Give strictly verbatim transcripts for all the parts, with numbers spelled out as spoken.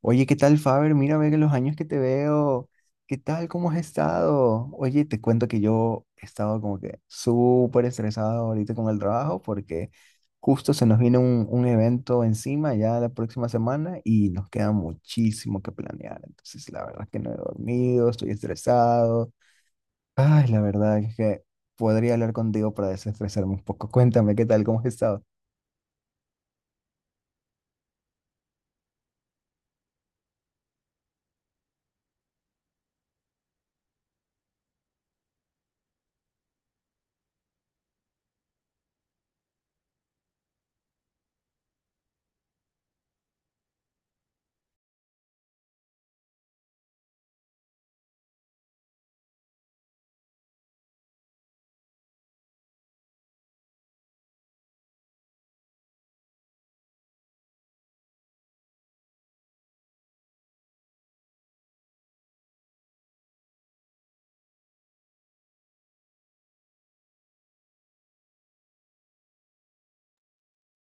Oye, ¿qué tal, Faber? Mira, ve que los años que te veo. ¿Qué tal? ¿Cómo has estado? Oye, te cuento que yo he estado como que súper estresado ahorita con el trabajo porque justo se nos viene un, un evento encima ya la próxima semana y nos queda muchísimo que planear. Entonces, la verdad es que no he dormido, estoy estresado. Ay, la verdad es que podría hablar contigo para desestresarme un poco. Cuéntame, ¿qué tal? ¿Cómo has estado?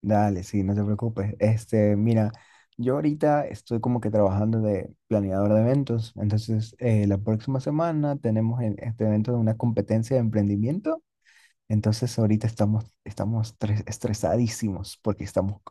Dale, sí, no te preocupes. Este, mira, yo ahorita estoy como que trabajando de planeador de eventos. Entonces, eh, la próxima semana tenemos el- este evento de una competencia de emprendimiento. Entonces ahorita estamos, estamos tres- estresadísimos porque estamos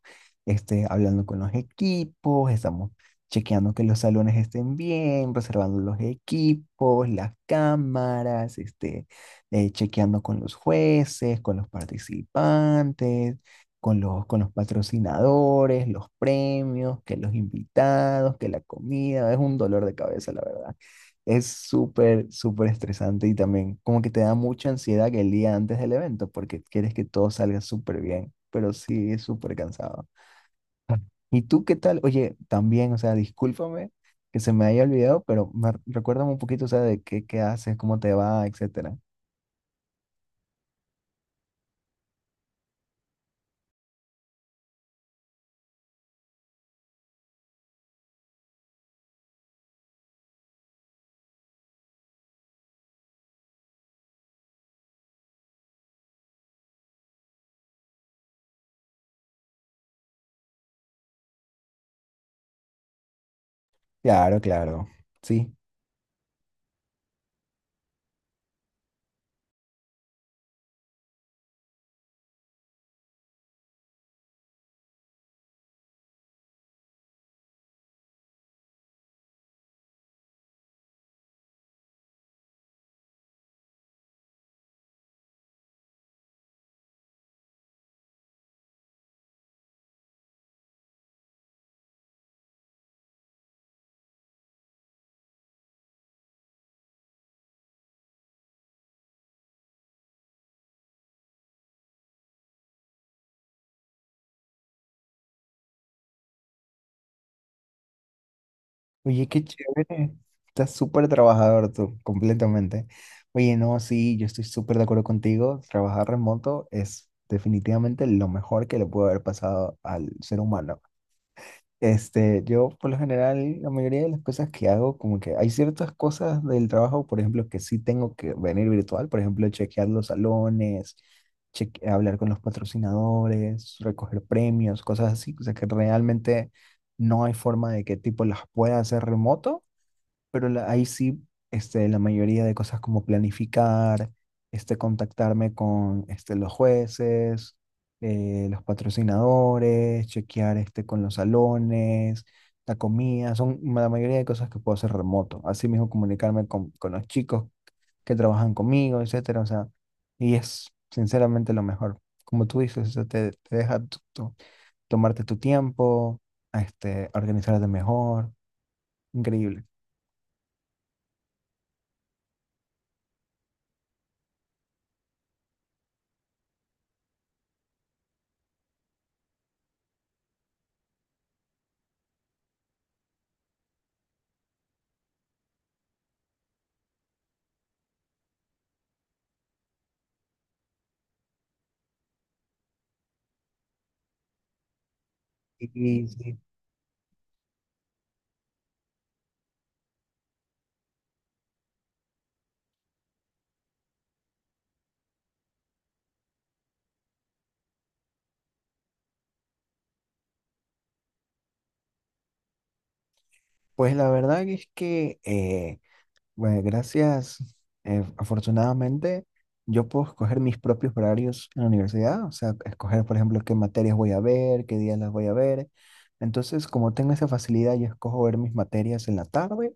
este, hablando con los equipos, estamos chequeando que los salones estén bien, reservando los equipos, las cámaras, este, eh, chequeando con los jueces, con los participantes, con los, con los patrocinadores, los premios, que los invitados, que la comida. Es un dolor de cabeza, la verdad. Es súper, súper estresante y también como que te da mucha ansiedad que el día antes del evento porque quieres que todo salga súper bien, pero sí es súper cansado. Ah. ¿Y tú qué tal? Oye, también, o sea, discúlpame que se me haya olvidado, pero me, recuérdame un poquito, o sea, de qué, qué haces, cómo te va, etcétera. Claro, claro. Sí. Oye, qué chévere. Estás súper trabajador tú, completamente. Oye, no, sí, yo estoy súper de acuerdo contigo. Trabajar remoto es definitivamente lo mejor que le puede haber pasado al ser humano. Este, yo por lo general, la mayoría de las cosas que hago, como que hay ciertas cosas del trabajo, por ejemplo, que sí tengo que venir virtual, por ejemplo, chequear los salones, cheque- hablar con los patrocinadores, recoger premios, cosas así, o sea que realmente no hay forma de que tipo las pueda hacer remoto pero la- ahí sí, este, la mayoría de cosas como planificar, este, contactarme con este, los jueces, eh, los patrocinadores, chequear este, con los salones, la comida, son ma- la mayoría de cosas que puedo hacer remoto. Así mismo comunicarme con, con los chicos que trabajan conmigo, etcétera. O sea, y es sinceramente lo mejor. Como tú dices, eso te, te deja tu- tu- tomarte tu tiempo, este, organizarte mejor. Increíble. Y, pues la verdad es que, eh, bueno, gracias, eh, afortunadamente, yo puedo escoger mis propios horarios en la universidad, o sea, escoger, por ejemplo, qué materias voy a ver, qué días las voy a ver. Entonces, como tengo esa facilidad, yo escojo ver mis materias en la tarde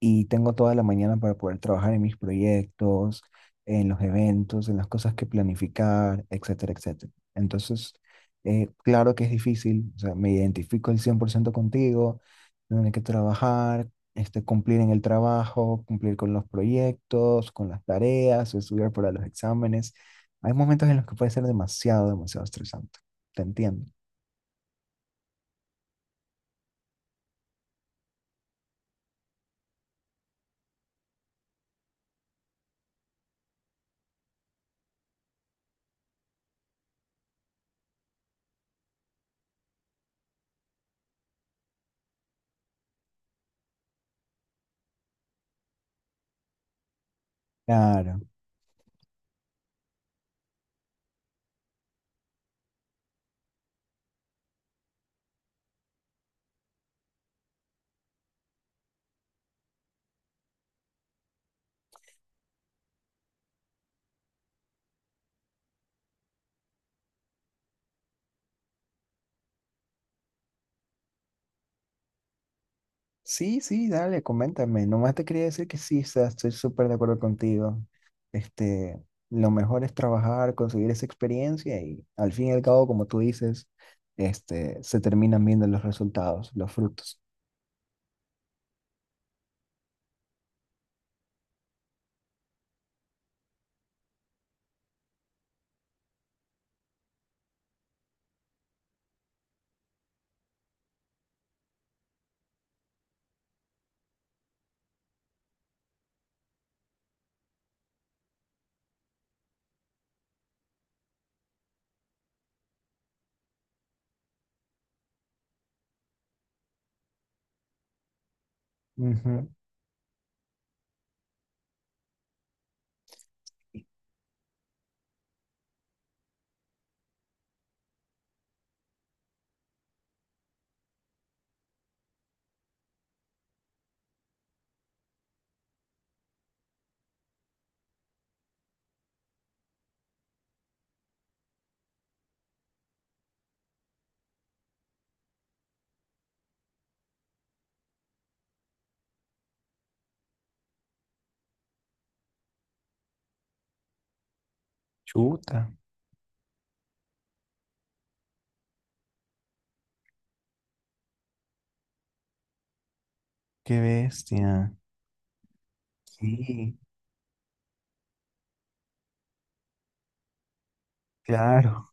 y tengo toda la mañana para poder trabajar en mis proyectos, en los eventos, en las cosas que planificar, etcétera, etcétera. Entonces, eh, claro que es difícil, o sea, me identifico el cien por ciento contigo, tener que trabajar, este, cumplir en el trabajo, cumplir con los proyectos, con las tareas, estudiar para los exámenes. Hay momentos en los que puede ser demasiado, demasiado estresante. Te entiendo. Claro. Sí, sí, dale, coméntame. Nomás te quería decir que sí, o sea, estoy súper de acuerdo contigo. Este, lo mejor es trabajar, conseguir esa experiencia y al fin y al cabo, como tú dices, este, se terminan viendo los resultados, los frutos. Ujú. Chuta, qué bestia. Sí, claro.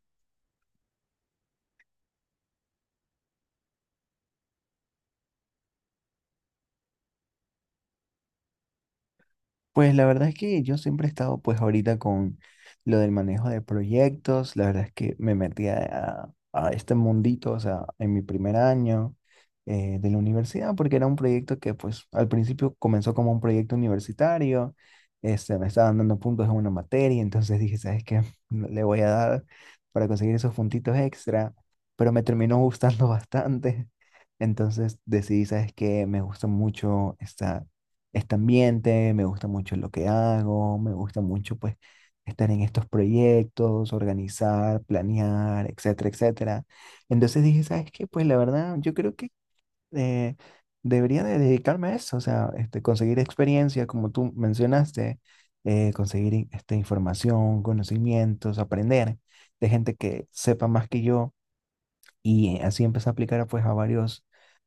Pues la verdad es que yo siempre he estado pues ahorita con lo del manejo de proyectos, la verdad es que me metí a, a este mundito, o sea, en mi primer año eh, de la universidad, porque era un proyecto que pues al principio comenzó como un proyecto universitario, este, me estaban dando puntos en una materia, entonces dije, ¿sabes qué? Le voy a dar para conseguir esos puntitos extra, pero me terminó gustando bastante, entonces decidí, ¿sabes qué? Me gusta mucho esta este ambiente, me gusta mucho lo que hago, me gusta mucho pues estar en estos proyectos, organizar, planear, etcétera, etcétera. Entonces dije, ¿sabes qué? Pues la verdad, yo creo que eh, debería de dedicarme a eso, o sea, este, conseguir experiencia, como tú mencionaste, eh, conseguir in- este, información, conocimientos, aprender de gente que sepa más que yo y así empecé a aplicar pues a varios,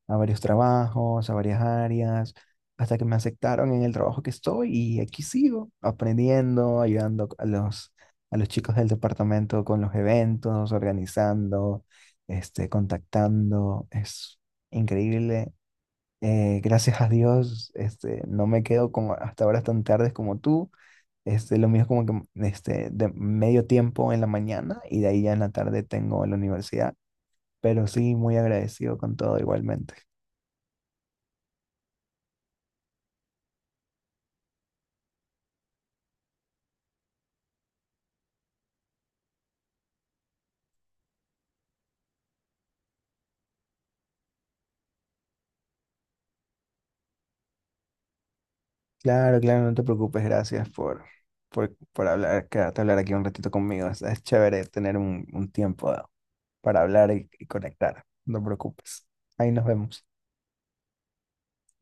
a varios trabajos, a varias áreas, hasta que me aceptaron en el trabajo que estoy y aquí sigo aprendiendo, ayudando a los, a los chicos del departamento con los eventos, organizando, este, contactando. Es increíble. Eh, gracias a Dios, este, no me quedo como hasta horas tan tardes como tú. Este, lo mío es como que este, de medio tiempo en la mañana y de ahí ya en la tarde tengo la universidad pero sí, muy agradecido con todo igualmente. Claro, claro, no te preocupes, gracias por, por, por hablar, quedarte a hablar aquí un ratito conmigo. Es, es chévere tener un, un tiempo para hablar y, y conectar. No te preocupes. Ahí nos vemos.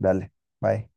Dale, bye.